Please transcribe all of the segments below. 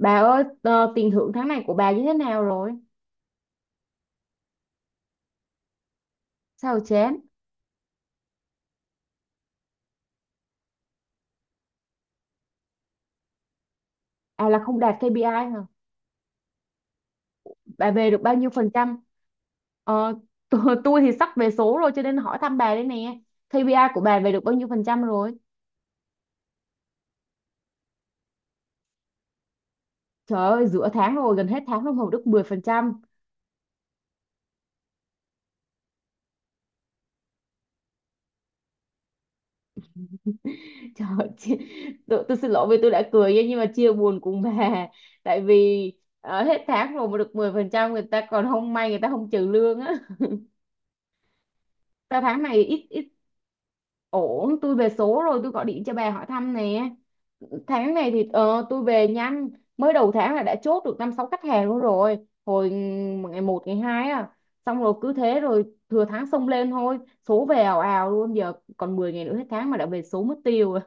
Bà ơi, tiền thưởng tháng này của bà như thế nào rồi? Sao chán? À là không đạt KPI hả? Bà về được bao nhiêu phần trăm? Ờ, tôi thì sắp về số rồi cho nên hỏi thăm bà đây nè. KPI của bà về được bao nhiêu phần trăm rồi? Trời ơi, giữa tháng rồi, gần hết tháng rồi mà được 10%. Trời ơi, tôi xin lỗi vì tôi đã cười nha, nhưng mà chia buồn cùng bà. Tại vì hết tháng rồi mà được 10%, người ta còn không may người ta không trừ lương á. Sao tháng này ít ít? Ổn, tôi về số rồi, tôi gọi điện cho bà hỏi thăm nè. Tháng này thì tôi về nhanh, mới đầu tháng là đã chốt được năm sáu khách hàng luôn rồi, hồi ngày một ngày hai à, xong rồi cứ thế rồi thừa tháng xông lên thôi. Số về ào ào luôn, giờ còn 10 ngày nữa hết tháng mà đã về số mất tiêu rồi.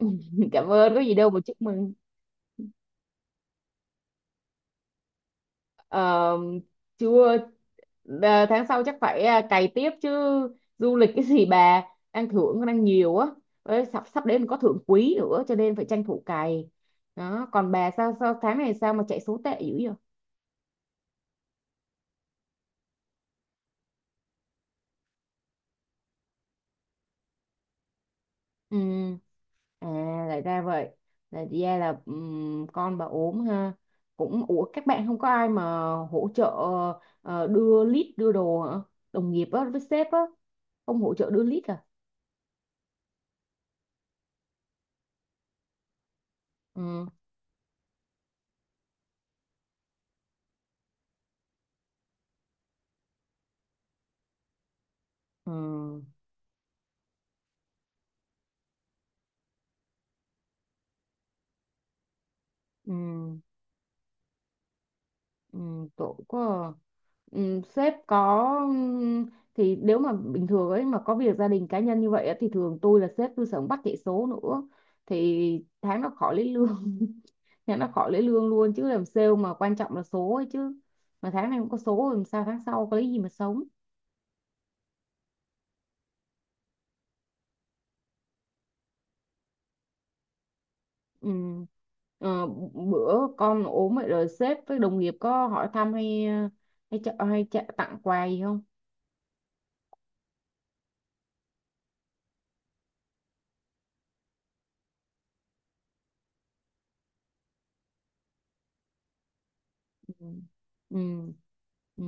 Cảm ơn, có gì đâu mà chúc mừng. Ờ, Chưa. À, tháng sau chắc phải, à, cày tiếp chứ, du lịch cái gì bà, đang thưởng còn đang nhiều á. Đấy, sắp sắp đến có thưởng quý nữa cho nên phải tranh thủ cày đó. Còn bà sao sao tháng này sao mà chạy số tệ dữ vậy? Ừ. À, lại ra vậy. Là ra là con bà ốm ha. Cũng ủa các bạn không có ai mà hỗ trợ đưa lít đưa đồ hả? Đồng nghiệp á với sếp á không hỗ trợ đưa lít à? Ừ, ừ, ừ, ừ, tội quá. À. Ừ, sếp có thì nếu mà bình thường ấy mà có việc gia đình cá nhân như vậy á, thì thường tôi là sếp tôi sống bắt chạy số nữa thì tháng nó khỏi lấy lương tháng nó khỏi lấy lương luôn chứ làm sale mà quan trọng là số ấy chứ, mà tháng này không có số làm sao tháng sau có lấy gì mà sống. Ừ. Ờ, Bữa con ốm vậy rồi sếp với đồng nghiệp có hỏi thăm hay ờ, hay, cho- tặng quà gì không? Ừ. Ừ. Ừ.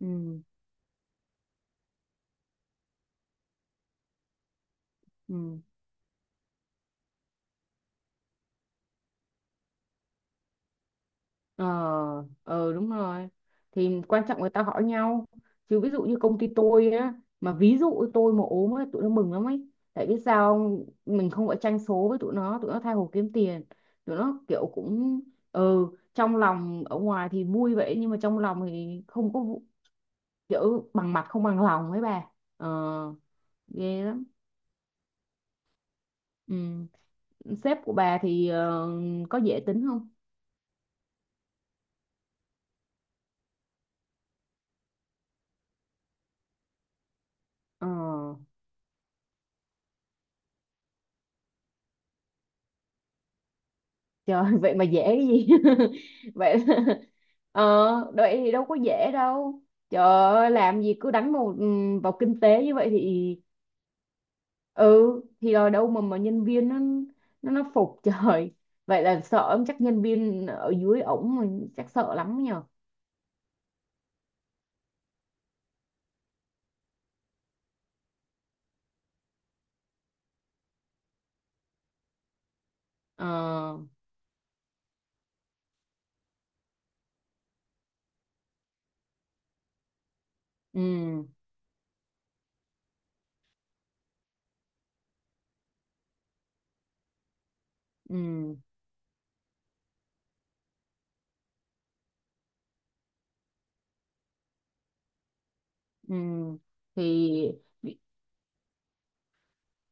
Ừ. Ừ. Ờ, Đúng rồi. Thì quan trọng người ta hỏi nhau. Chứ ví dụ như công ty tôi á, mà ví dụ tôi mà ốm ấy, tụi nó mừng lắm ấy. Tại biết sao không? Mình không phải tranh số với tụi nó tha hồ kiếm tiền. Tụi nó kiểu cũng, ừ, trong lòng ở ngoài thì vui vậy nhưng mà trong lòng thì không có kiểu bằng mặt không bằng lòng ấy bà. Ờ, Ghê lắm. Ừ. Sếp của bà thì có dễ tính không? Ờ. Trời, vậy mà dễ cái gì? vậy là- ờ Vậy thì đâu có dễ đâu, trời ơi, làm gì cứ đánh vào vào kinh tế như vậy thì ừ, thì rồi đâu mà nhân viên nó phục trời, vậy là sợ ông chắc, nhân viên ở dưới ổng mà chắc sợ lắm nhờ. Ờ. Ừ, ừ, ừ. Thì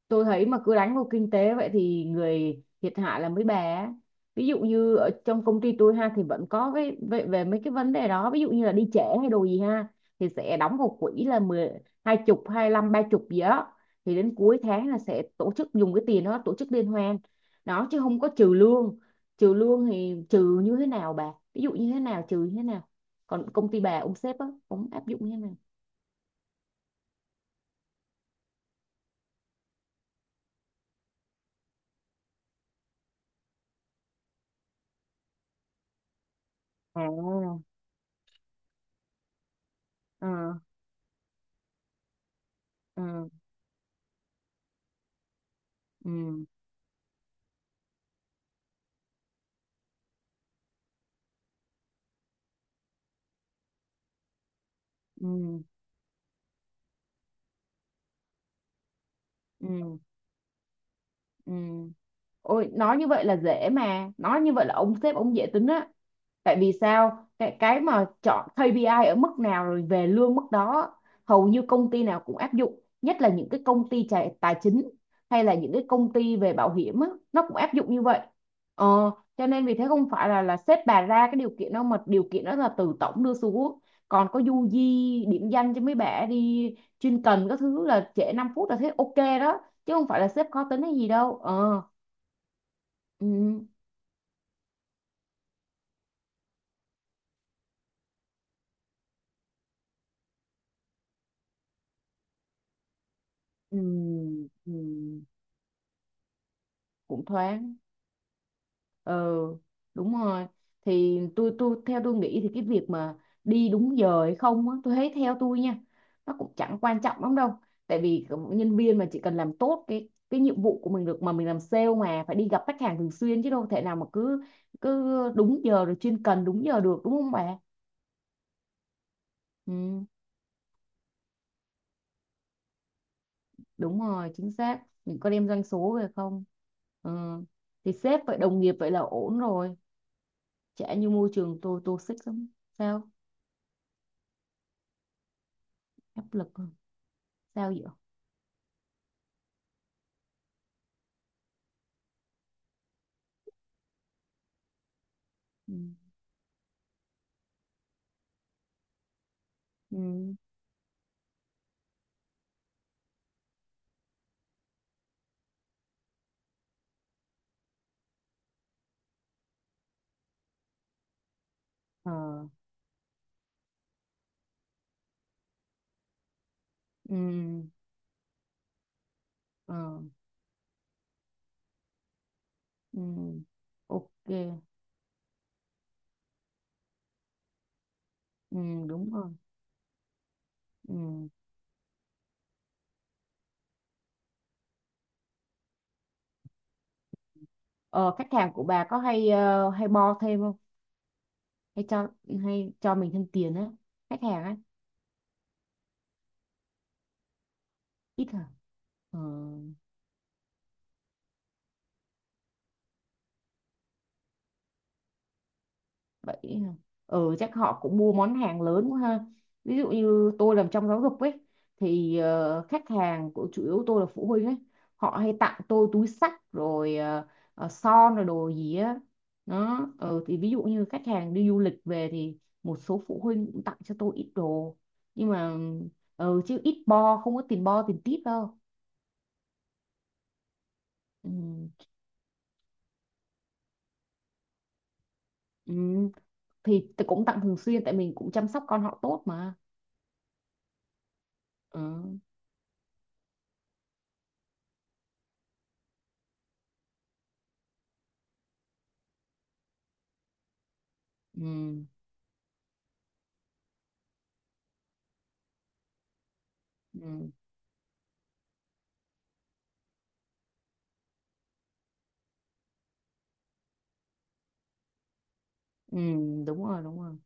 tôi thấy mà cứ đánh vào kinh tế vậy thì người thiệt hại là mấy bà á. Ví dụ như ở trong công ty tôi ha thì vẫn có cái về mấy cái vấn đề đó, ví dụ như là đi trễ hay đồ gì ha thì sẽ đóng vào quỹ là 10 20 25 30 gì đó, thì đến cuối tháng là sẽ tổ chức dùng cái tiền đó tổ chức liên hoan đó, chứ không có trừ lương. Trừ lương thì trừ như thế nào bà, ví dụ như thế nào, trừ như thế nào, còn công ty bà ông sếp á ông áp dụng như thế nào? À, ờ, ừ, ừ, ừ. Ừ. Ôi, nói như vậy là dễ mà, nói như vậy là ông sếp ông dễ tính á, tại vì sao cái mà chọn KPI ở mức nào rồi về lương mức đó, hầu như công ty nào cũng áp dụng, nhất là những cái công ty tài chính hay là những cái công ty về bảo hiểm á nó cũng áp dụng như vậy. ờ, cho nên vì thế không phải là sếp bà ra cái điều kiện đâu mà điều kiện đó là từ tổng đưa xuống. Còn có du di điểm danh cho mấy bả đi chuyên cần các thứ là trễ 5 phút là thế ok đó, chứ không phải là sếp khó tính hay gì đâu. Ờ. Ừ, ừ, ừ, cũng thoáng. Ừ, đúng rồi thì tôi theo tôi nghĩ thì cái việc mà đi đúng giờ hay không á, tôi thấy theo tôi nha, nó cũng chẳng quan trọng lắm đâu, tại vì cái nhân viên mà chỉ cần làm tốt cái nhiệm vụ của mình được, mà mình làm sale mà phải đi gặp khách hàng thường xuyên chứ đâu thể nào mà cứ cứ đúng giờ rồi chuyên cần đúng giờ được đúng không bà? Ừ, đúng rồi chính xác, mình có đem doanh số về không? Ừ. Thì sếp vậy đồng nghiệp vậy là ổn rồi, chả như môi trường tôi toxic lắm sao, áp lực à? Sao vậy? Ừ. Ừ. Ờ. Ừ. Ờ. Ừ. Ok. Ừ. Đúng rồi. Ừ. ờ, Khách hàng của bà có hay bo thêm không, hay cho hay cho mình thêm tiền á, khách hàng á? Ít hả? Ờ. Vậy hả? Ừ, chắc họ cũng mua món hàng lớn quá ha, ví dụ như tôi làm trong giáo dục ấy thì khách hàng của chủ yếu tôi là phụ huynh ấy, họ hay tặng tôi túi xách rồi son rồi đồ gì á đó. Ừ, thì ví dụ như khách hàng đi du lịch về thì một số phụ huynh cũng tặng cho tôi ít đồ, nhưng mà, ừ, chứ ít bo, không có tiền bo tiền tip đâu. Ừ. Ừ. Thì tôi cũng tặng thường xuyên tại mình cũng chăm sóc con họ tốt mà. Ừ. Ừ. Ừ. Ừ, đúng rồi, đúng rồi.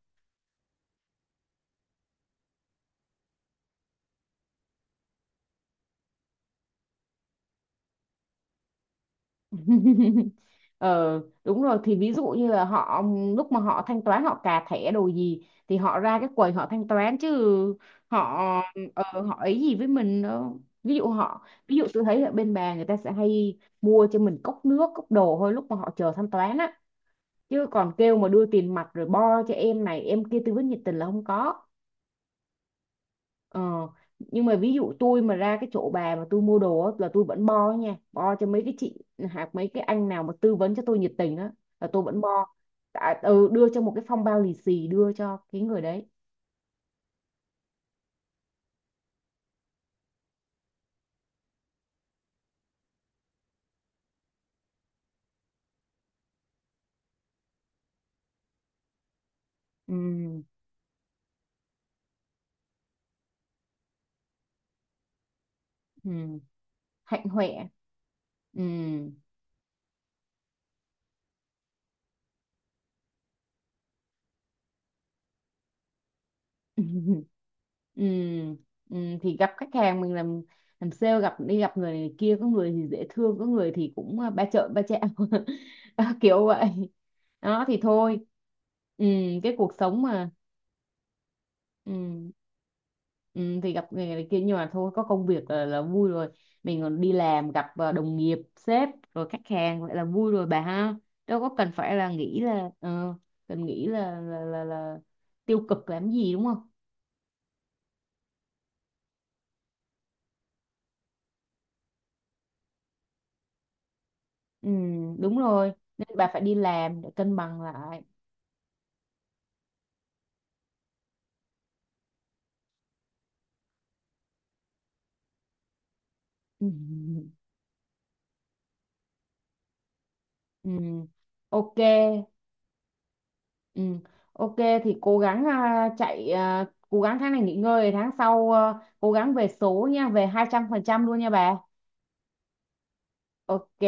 Ờ Đúng rồi thì ví dụ như là họ lúc mà họ thanh toán, họ cà thẻ đồ gì thì họ ra cái quầy họ thanh toán chứ họ họ ấy gì với mình đó, ví dụ tôi thấy ở bên bà người ta sẽ hay mua cho mình cốc nước cốc đồ thôi lúc mà họ chờ thanh toán á, chứ còn kêu mà đưa tiền mặt rồi bo cho em này em kia tư vấn nhiệt tình là không có. Ờ, nhưng mà ví dụ tôi mà ra cái chỗ bà mà tôi mua đồ á, là tôi vẫn bo nha, bo cho mấy cái chị hoặc mấy cái anh nào mà tư vấn cho tôi nhiệt tình á là tôi vẫn bo, à, ừ, đưa cho một cái phong bao lì xì đưa cho cái người đấy. Ừ, ừ, hạnh huệ. Ừ. Ừ, ừ, thì gặp khách hàng mình làm sale gặp đi gặp người này kia, có người thì dễ thương có người thì cũng, à, ba trợn ba trẹo, đó, kiểu vậy đó thì thôi. Ừ, cái cuộc sống mà, ừ, ừ, thì gặp người này kia nhưng mà thôi có công việc là vui rồi, mình còn đi làm gặp, à, đồng nghiệp sếp rồi khách hàng vậy là vui rồi bà ha, đâu có cần phải là nghĩ là cần nghĩ là, tiêu cực làm gì đúng không? Ừ, đúng rồi. Nên bà phải đi làm để cân bằng lại. Ừ. Ừ. Ok. Ừ. Ok thì cố gắng, à, chạy, à, cố gắng tháng này nghỉ ngơi tháng sau, à, cố gắng về số nha, về 200% luôn nha bà. Ok.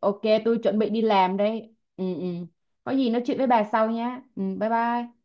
Ok, tôi chuẩn bị đi làm đây. Ừ, ừ. Có gì nói chuyện với bà sau nhé. Ừ, bye bye.